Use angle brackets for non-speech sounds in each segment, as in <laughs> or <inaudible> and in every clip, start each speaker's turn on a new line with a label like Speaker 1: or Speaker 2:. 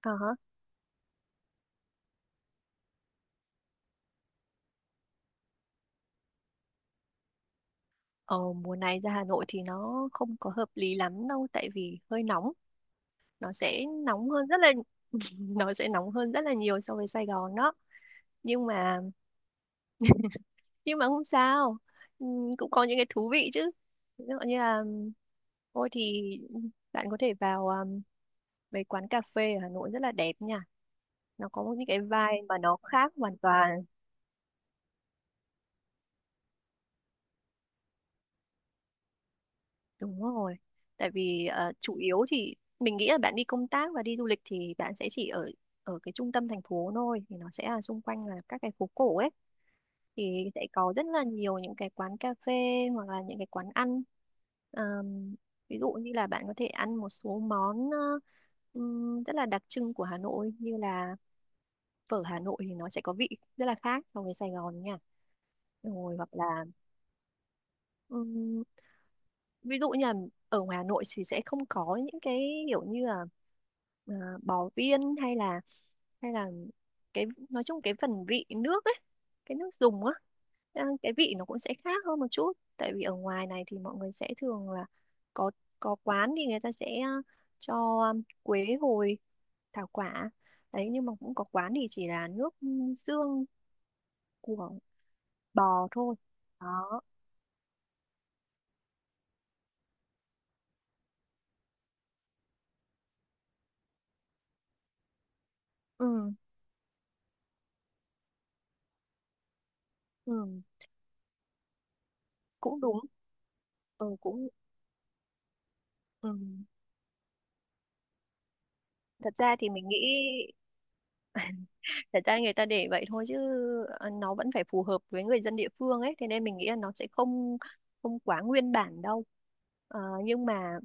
Speaker 1: Ờ, hả. Ờ, Mùa này ra Hà Nội thì nó không có hợp lý lắm đâu, tại vì hơi nóng, nó sẽ nóng hơn rất là <laughs> nó sẽ nóng hơn rất là nhiều so với Sài Gòn đó. Nhưng mà nhưng mà không sao. Cũng có những cái thú vị chứ, ví dụ như là, thôi thì bạn có thể vào, mấy quán cà phê ở Hà Nội rất là đẹp nha, nó có những cái vibe mà nó khác hoàn toàn. Đúng rồi. Tại vì chủ yếu thì mình nghĩ là bạn đi công tác và đi du lịch thì bạn sẽ chỉ ở ở cái trung tâm thành phố thôi, thì nó sẽ là xung quanh là các cái phố cổ ấy, thì sẽ có rất là nhiều những cái quán cà phê hoặc là những cái quán ăn. Ờm, Ví dụ như là bạn có thể ăn một số món, rất là đặc trưng của Hà Nội, như là phở Hà Nội thì nó sẽ có vị rất là khác so với Sài Gòn nha. Rồi hoặc là, ví dụ như là ở ngoài Hà Nội thì sẽ không có những cái kiểu như là, à, bò viên, hay là cái, nói chung cái phần vị nước ấy, cái nước dùng á. Cái vị nó cũng sẽ khác hơn một chút, tại vì ở ngoài này thì mọi người sẽ thường là có có quán thì người ta sẽ, cho quế hồi, thảo quả đấy, nhưng mà cũng có quán thì chỉ là nước, xương của bò thôi. Đó. Ừ, ừ cũng đúng. Ừ, cũng. Ừ, thật ra thì mình nghĩ <laughs> thật ra người ta để vậy thôi, chứ nó vẫn phải phù hợp với người dân địa phương ấy, thế nên mình nghĩ là nó sẽ không không quá nguyên bản đâu. Nhưng mà,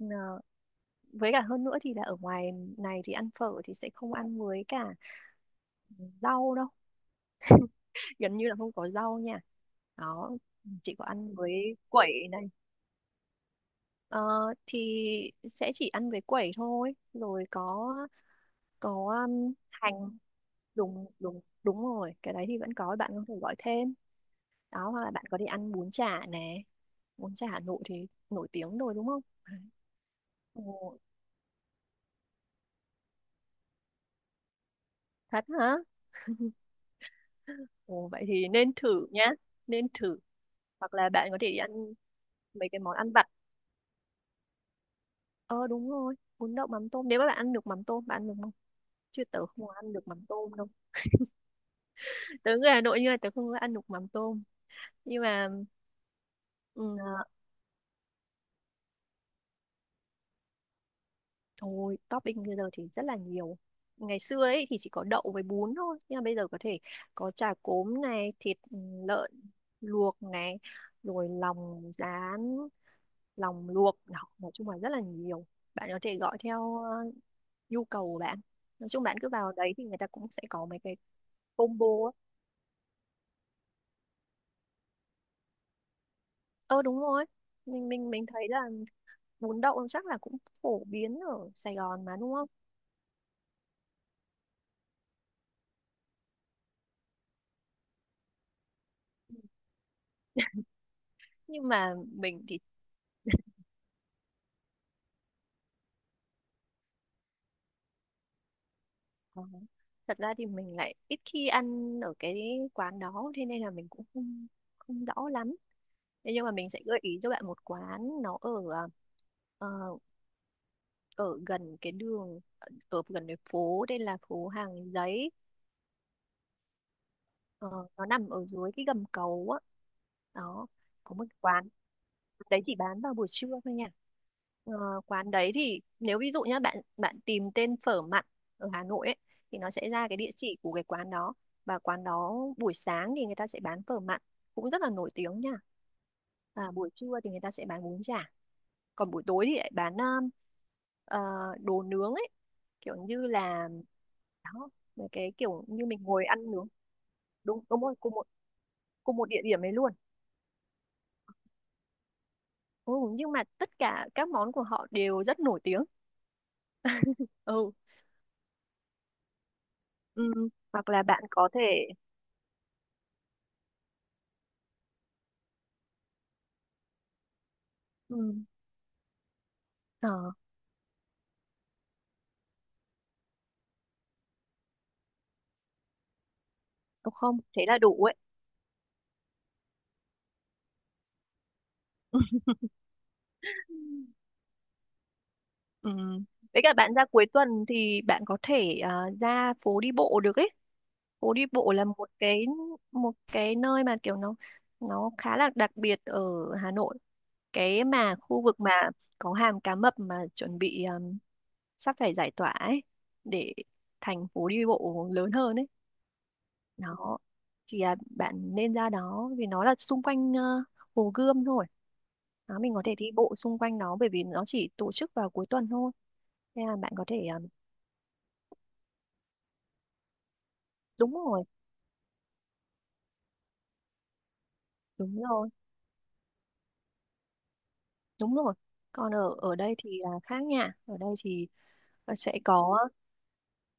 Speaker 1: ờ, với cả hơn nữa thì là ở ngoài này thì ăn phở thì sẽ không ăn với cả rau đâu, gần như là không có rau nha. Đó, chỉ có ăn với quẩy này. Ờ, thì sẽ chỉ ăn với quẩy thôi, rồi có có hành. Đúng đúng đúng rồi, cái đấy thì vẫn có, bạn có thể gọi thêm. Đó, hoặc là bạn có đi ăn bún chả nè, bún chả Hà Nội thì nổi tiếng rồi đúng không? Đấy. Ồ, thật hả? Ồ, vậy thì nên thử nhá. Nên thử. Hoặc là bạn có thể đi ăn mấy cái món ăn vặt. Ờ Đúng rồi, bún đậu mắm tôm, nếu mà bạn ăn được mắm tôm, bạn ăn được không? Chứ tớ không ăn được mắm tôm đâu, tớ người Hà Nội nhưng mà tớ không có ăn được mắm tôm, nhưng mà, ừ. Thôi, topping bây giờ thì rất là nhiều. Ngày xưa ấy thì chỉ có đậu với bún thôi, nhưng mà bây giờ có thể có chả cốm này, thịt lợn luộc này, rồi lòng rán, lòng luộc, đó, nói chung là rất là nhiều. Bạn có thể gọi theo nhu cầu của bạn. Nói chung bạn cứ vào đấy thì người ta cũng sẽ có mấy cái combo á. Ờ đúng rồi. Mình thấy là bún đậu chắc là cũng phổ biến ở Sài Gòn mà đúng không? Nhưng mà mình thì. Ờ. Thật ra thì mình lại ít khi ăn ở cái quán đó, thế nên là mình cũng không không rõ lắm. Thế nhưng mà mình sẽ gợi ý cho bạn một quán, nó ở, ờ, ở gần cái đường ở gần cái phố, đây là phố Hàng Giấy. Ờ, nó nằm ở dưới cái gầm cầu á. Đó, có một quán đấy, chỉ bán vào buổi trưa thôi nha. Ờ, Quán đấy thì, nếu ví dụ nhá, bạn bạn tìm tên phở mặn ở Hà Nội ấy, thì nó sẽ ra cái địa chỉ của cái quán đó. Và quán đó, buổi sáng thì người ta sẽ bán phở mặn, cũng rất là nổi tiếng nha, và buổi trưa thì người ta sẽ bán bún chả, còn buổi tối thì lại bán, ờ, đồ nướng ấy, kiểu như là, đó, mấy cái kiểu như mình ngồi ăn nướng. Đúng đúng rồi, cùng cùng một địa điểm ấy luôn. Ừ, nhưng mà tất cả các món của họ đều rất nổi tiếng. <laughs> Ừ. Ừ, hoặc là bạn có thể. Ừ, ờ đúng không, thế là đủ ấy. <laughs> Ừ. Với cả bạn ra cuối tuần thì bạn có thể, ra phố đi bộ được ấy. Phố đi bộ là một cái, nơi mà kiểu nó khá là đặc biệt ở Hà Nội, cái mà khu vực mà có hàm cá mập mà chuẩn bị sắp phải giải tỏa ấy, để thành phố đi bộ lớn hơn ấy. Đó thì, bạn nên ra đó, vì nó là xung quanh Hồ Gươm thôi. Đó, mình có thể đi bộ xung quanh nó, bởi vì nó chỉ tổ chức vào cuối tuần thôi, nên là bạn có thể, đúng rồi đúng rồi. Đúng rồi, còn ở ở đây thì là khác nha, ở đây thì sẽ có,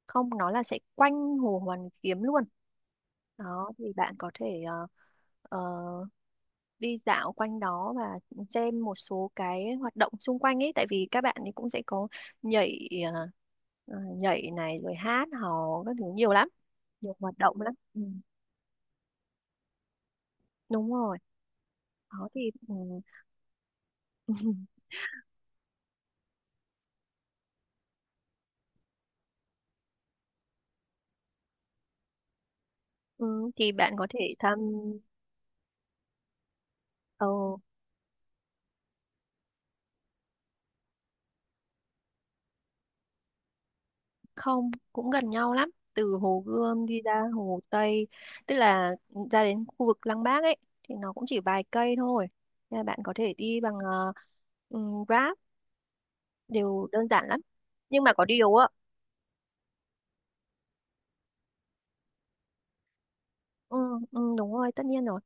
Speaker 1: không, nó là sẽ quanh Hồ Hoàn Kiếm luôn. Đó thì bạn có thể, ờ, đi dạo quanh đó, và xem một số cái hoạt động xung quanh ấy, tại vì các bạn ấy cũng sẽ có nhảy, nhảy này, rồi hát hò các thứ nhiều lắm. Nhiều hoạt động lắm, ừ. Đúng rồi. Đó thì, ừ. <laughs> Ừ, thì bạn có thể thăm. ờ, Không, cũng gần nhau lắm, từ Hồ Gươm đi ra Hồ Tây, tức là ra đến khu vực Lăng Bác ấy, thì nó cũng chỉ vài cây thôi, nên là bạn có thể đi bằng, uh, đều đơn giản lắm. Nhưng mà có điều á, ừ, ừ, đúng rồi, tất nhiên rồi,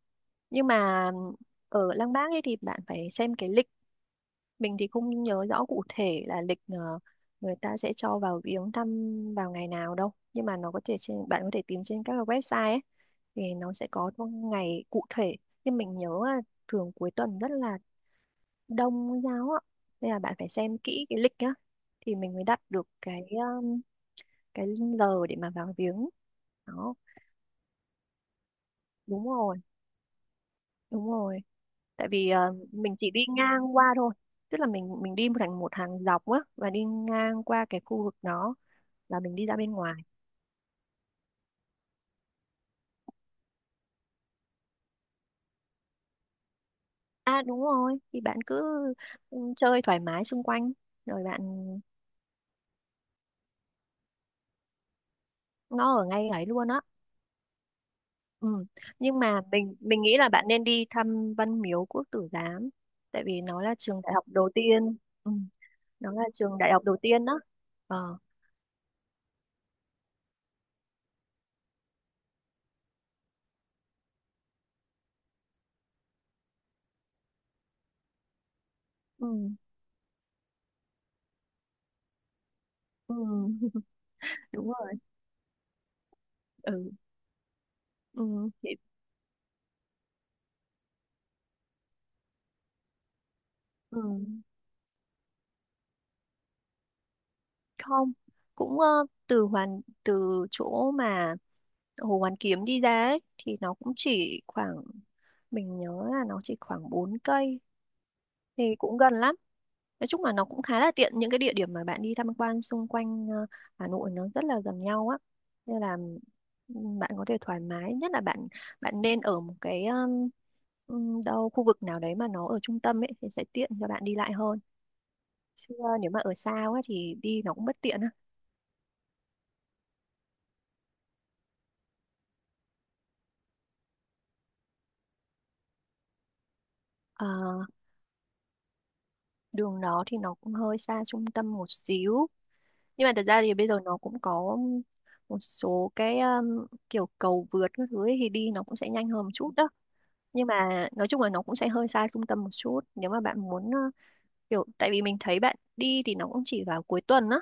Speaker 1: nhưng mà ở Lăng Bác ấy thì bạn phải xem cái lịch, mình thì không nhớ rõ cụ thể là lịch, người ta sẽ cho vào viếng thăm vào ngày nào đâu, nhưng mà nó có thể trên, bạn có thể tìm trên các cái website ấy, thì nó sẽ có thông ngày cụ thể. Nhưng mình nhớ là thường cuối tuần rất là đông Công giáo ạ, nên là bạn phải xem kỹ cái lịch nhá, thì mình mới đặt được cái, cái giờ để mà vào viếng. Đó, đúng rồi đúng rồi, tại vì mình chỉ đi ngang qua thôi, tức là mình, đi một thành một hàng dọc á, và đi ngang qua cái khu vực đó là mình đi ra bên ngoài. À đúng rồi, thì bạn cứ, ừ, chơi thoải mái xung quanh, rồi bạn, nó ở ngay ấy luôn á. Ừ. Nhưng mà mình, nghĩ là bạn nên đi thăm Văn Miếu Quốc Tử Giám, tại vì nó là trường đại học đầu tiên. Ừ, nó là trường đại học đầu tiên đó. ờ ừ. Ừ. <laughs> Đúng rồi. Ừ. Ừ. Thì- ừ. Không, cũng, từ chỗ mà Hồ Hoàn Kiếm đi ra ấy, thì nó cũng chỉ khoảng, mình nhớ là nó chỉ khoảng 4 cây, thì cũng gần lắm. Nói chung là nó cũng khá là tiện, những cái địa điểm mà bạn đi tham quan xung quanh Hà Nội nó rất là gần nhau á, nên là, bạn có thể thoải mái, nhất là bạn, nên ở một cái, đâu khu vực nào đấy mà nó ở trung tâm ấy, thì sẽ tiện cho bạn đi lại hơn. Chứ nếu mà ở xa quá thì đi nó cũng bất tiện á. Ờ, Đường nó thì nó cũng hơi xa trung tâm một xíu, nhưng mà thật ra thì bây giờ nó cũng có một số cái, kiểu cầu vượt các thứ ấy, thì đi nó cũng sẽ nhanh hơn một chút đó. Nhưng mà nói chung là nó cũng sẽ hơi xa trung tâm một chút, nếu mà bạn muốn, kiểu, tại vì mình thấy bạn đi thì nó cũng chỉ vào cuối tuần á,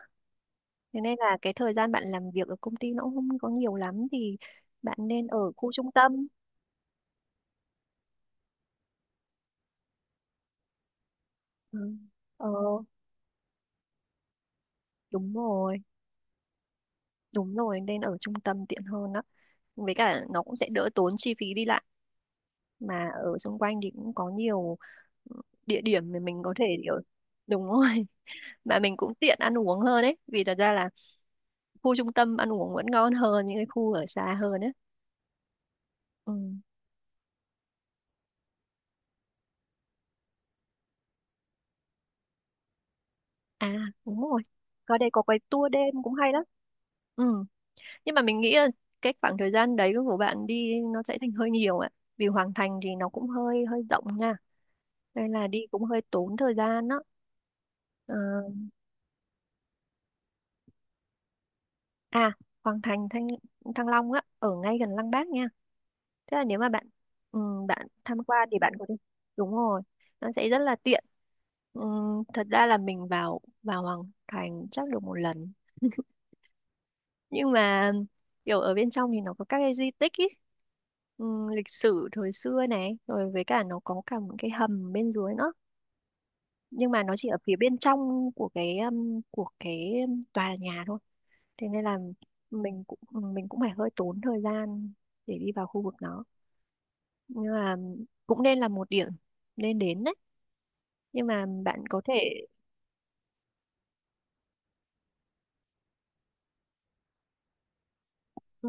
Speaker 1: thế nên là cái thời gian bạn làm việc ở công ty nó cũng không có nhiều lắm, thì bạn nên ở khu trung tâm. Ừ. ờ Đúng rồi đúng rồi, nên ở trung tâm tiện hơn đó, với cả nó cũng sẽ đỡ tốn chi phí đi lại, mà ở xung quanh thì cũng có nhiều, ừ, địa điểm mà mình có thể kiểu, đúng rồi. <laughs> Mà mình cũng tiện ăn uống hơn ấy, vì thật ra là khu trung tâm ăn uống vẫn ngon hơn những cái khu ở xa hơn ấy. Ừ. À đúng rồi, có đây, có cái tour đêm cũng hay lắm. Ừ. Nhưng mà mình nghĩ là cái khoảng thời gian đấy của bạn đi nó sẽ thành hơi nhiều ạ, vì Hoàng Thành thì nó cũng hơi hơi rộng nha. Đây là đi cũng hơi tốn thời gian đó. Ờ, à Hoàng Thành Thăng Thăng Long á ở ngay gần Lăng Bác nha. Tức là nếu mà bạn ừ, bạn tham quan thì bạn có thể. Đúng rồi, nó sẽ rất là tiện. Ừ, thật ra là mình vào vào Hoàng Thành chắc được một lần, nhưng mà kiểu ở bên trong thì nó có các cái di tích ý. Ừ, lịch sử thời xưa này rồi với cả nó có cả những cái hầm bên dưới nữa, nhưng mà nó chỉ ở phía bên trong của cái tòa nhà thôi. Thế nên là mình cũng mình cũng phải hơi tốn thời gian để đi vào khu vực nó, nhưng mà cũng nên là một điểm nên đến đấy. Nhưng mà bạn có thể, ừ,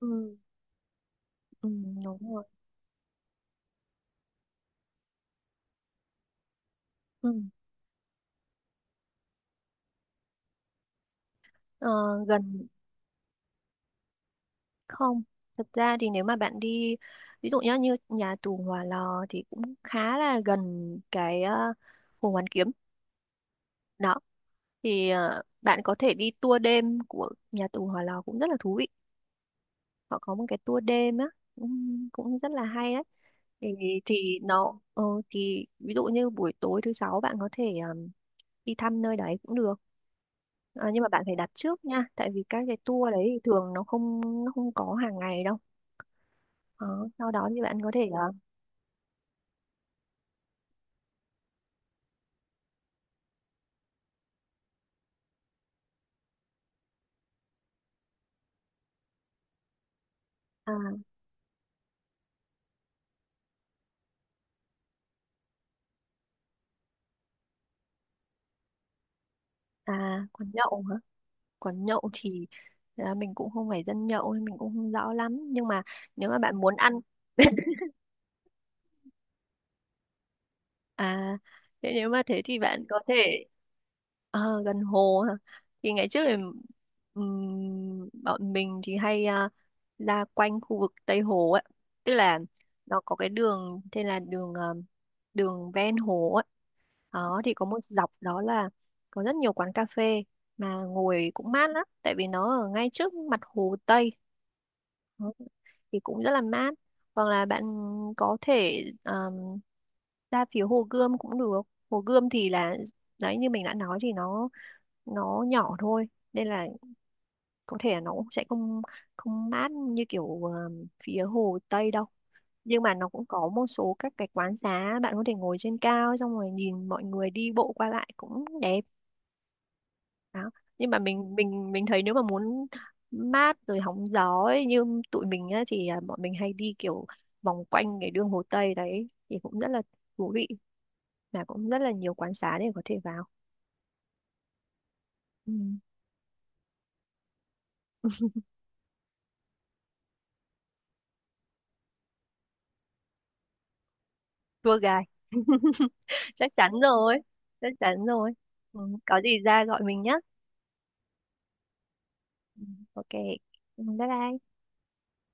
Speaker 1: ừ, ừ, đúng rồi. Ừ. Ờ, gần không, thật ra thì nếu mà bạn đi, ví dụ nhá như nhà tù Hỏa Lò thì cũng khá là gần cái Hồ Hoàn Kiếm đó. Thì bạn có thể đi tour đêm của nhà tù Hỏa Lò cũng rất là thú vị. Họ có một cái tour đêm á, cũng rất là hay đấy. Thì thì nó ờ, thì ví dụ như buổi tối thứ sáu bạn có thể um, đi thăm nơi đấy cũng được. À, nhưng mà bạn phải đặt trước nha, tại vì các cái tour đấy thì thường nó không có hàng ngày đâu. Đó, sau đó thì bạn có thể, à à quán nhậu hả? Quán nhậu thì, à, mình cũng không phải dân nhậu nên mình cũng không rõ lắm, nhưng mà nếu mà bạn muốn ăn… <laughs> À, thế nếu mà thế thì bạn có thể… Ờ, gần hồ hả? Thì ngày trước thì, bọn mình thì hay, à, ra quanh khu vực Tây Hồ ấy. Tức là nó có cái đường tên là đường, đường ven hồ ấy. Đó, thì có một dọc đó là có rất nhiều quán cà phê mà ngồi cũng mát lắm, tại vì nó ở ngay trước mặt hồ Tây. Đó, thì cũng rất là mát. Hoặc là bạn có thể, ra phía Hồ Gươm cũng được. Hồ Gươm thì là, đấy như mình đã nói thì nó nhỏ thôi, nên là có thể là nó cũng sẽ không, không mát như kiểu phía Hồ Tây đâu. Nhưng mà nó cũng có một số các cái quán xá bạn có thể ngồi trên cao xong rồi nhìn mọi người đi bộ qua lại cũng đẹp. Đó. Nhưng mà mình thấy nếu mà muốn mát rồi hóng gió ấy, như tụi mình á, thì à, bọn mình hay đi kiểu vòng quanh cái đường Hồ Tây đấy thì cũng rất là thú vị, mà cũng rất là nhiều quán xá để có thể vào. Ừ. <laughs> Tour guide. Chắc chắn rồi, chắc chắn rồi. Ừ, có gì ra gọi mình nhé. Ừ, ok. Ừ, bye bye.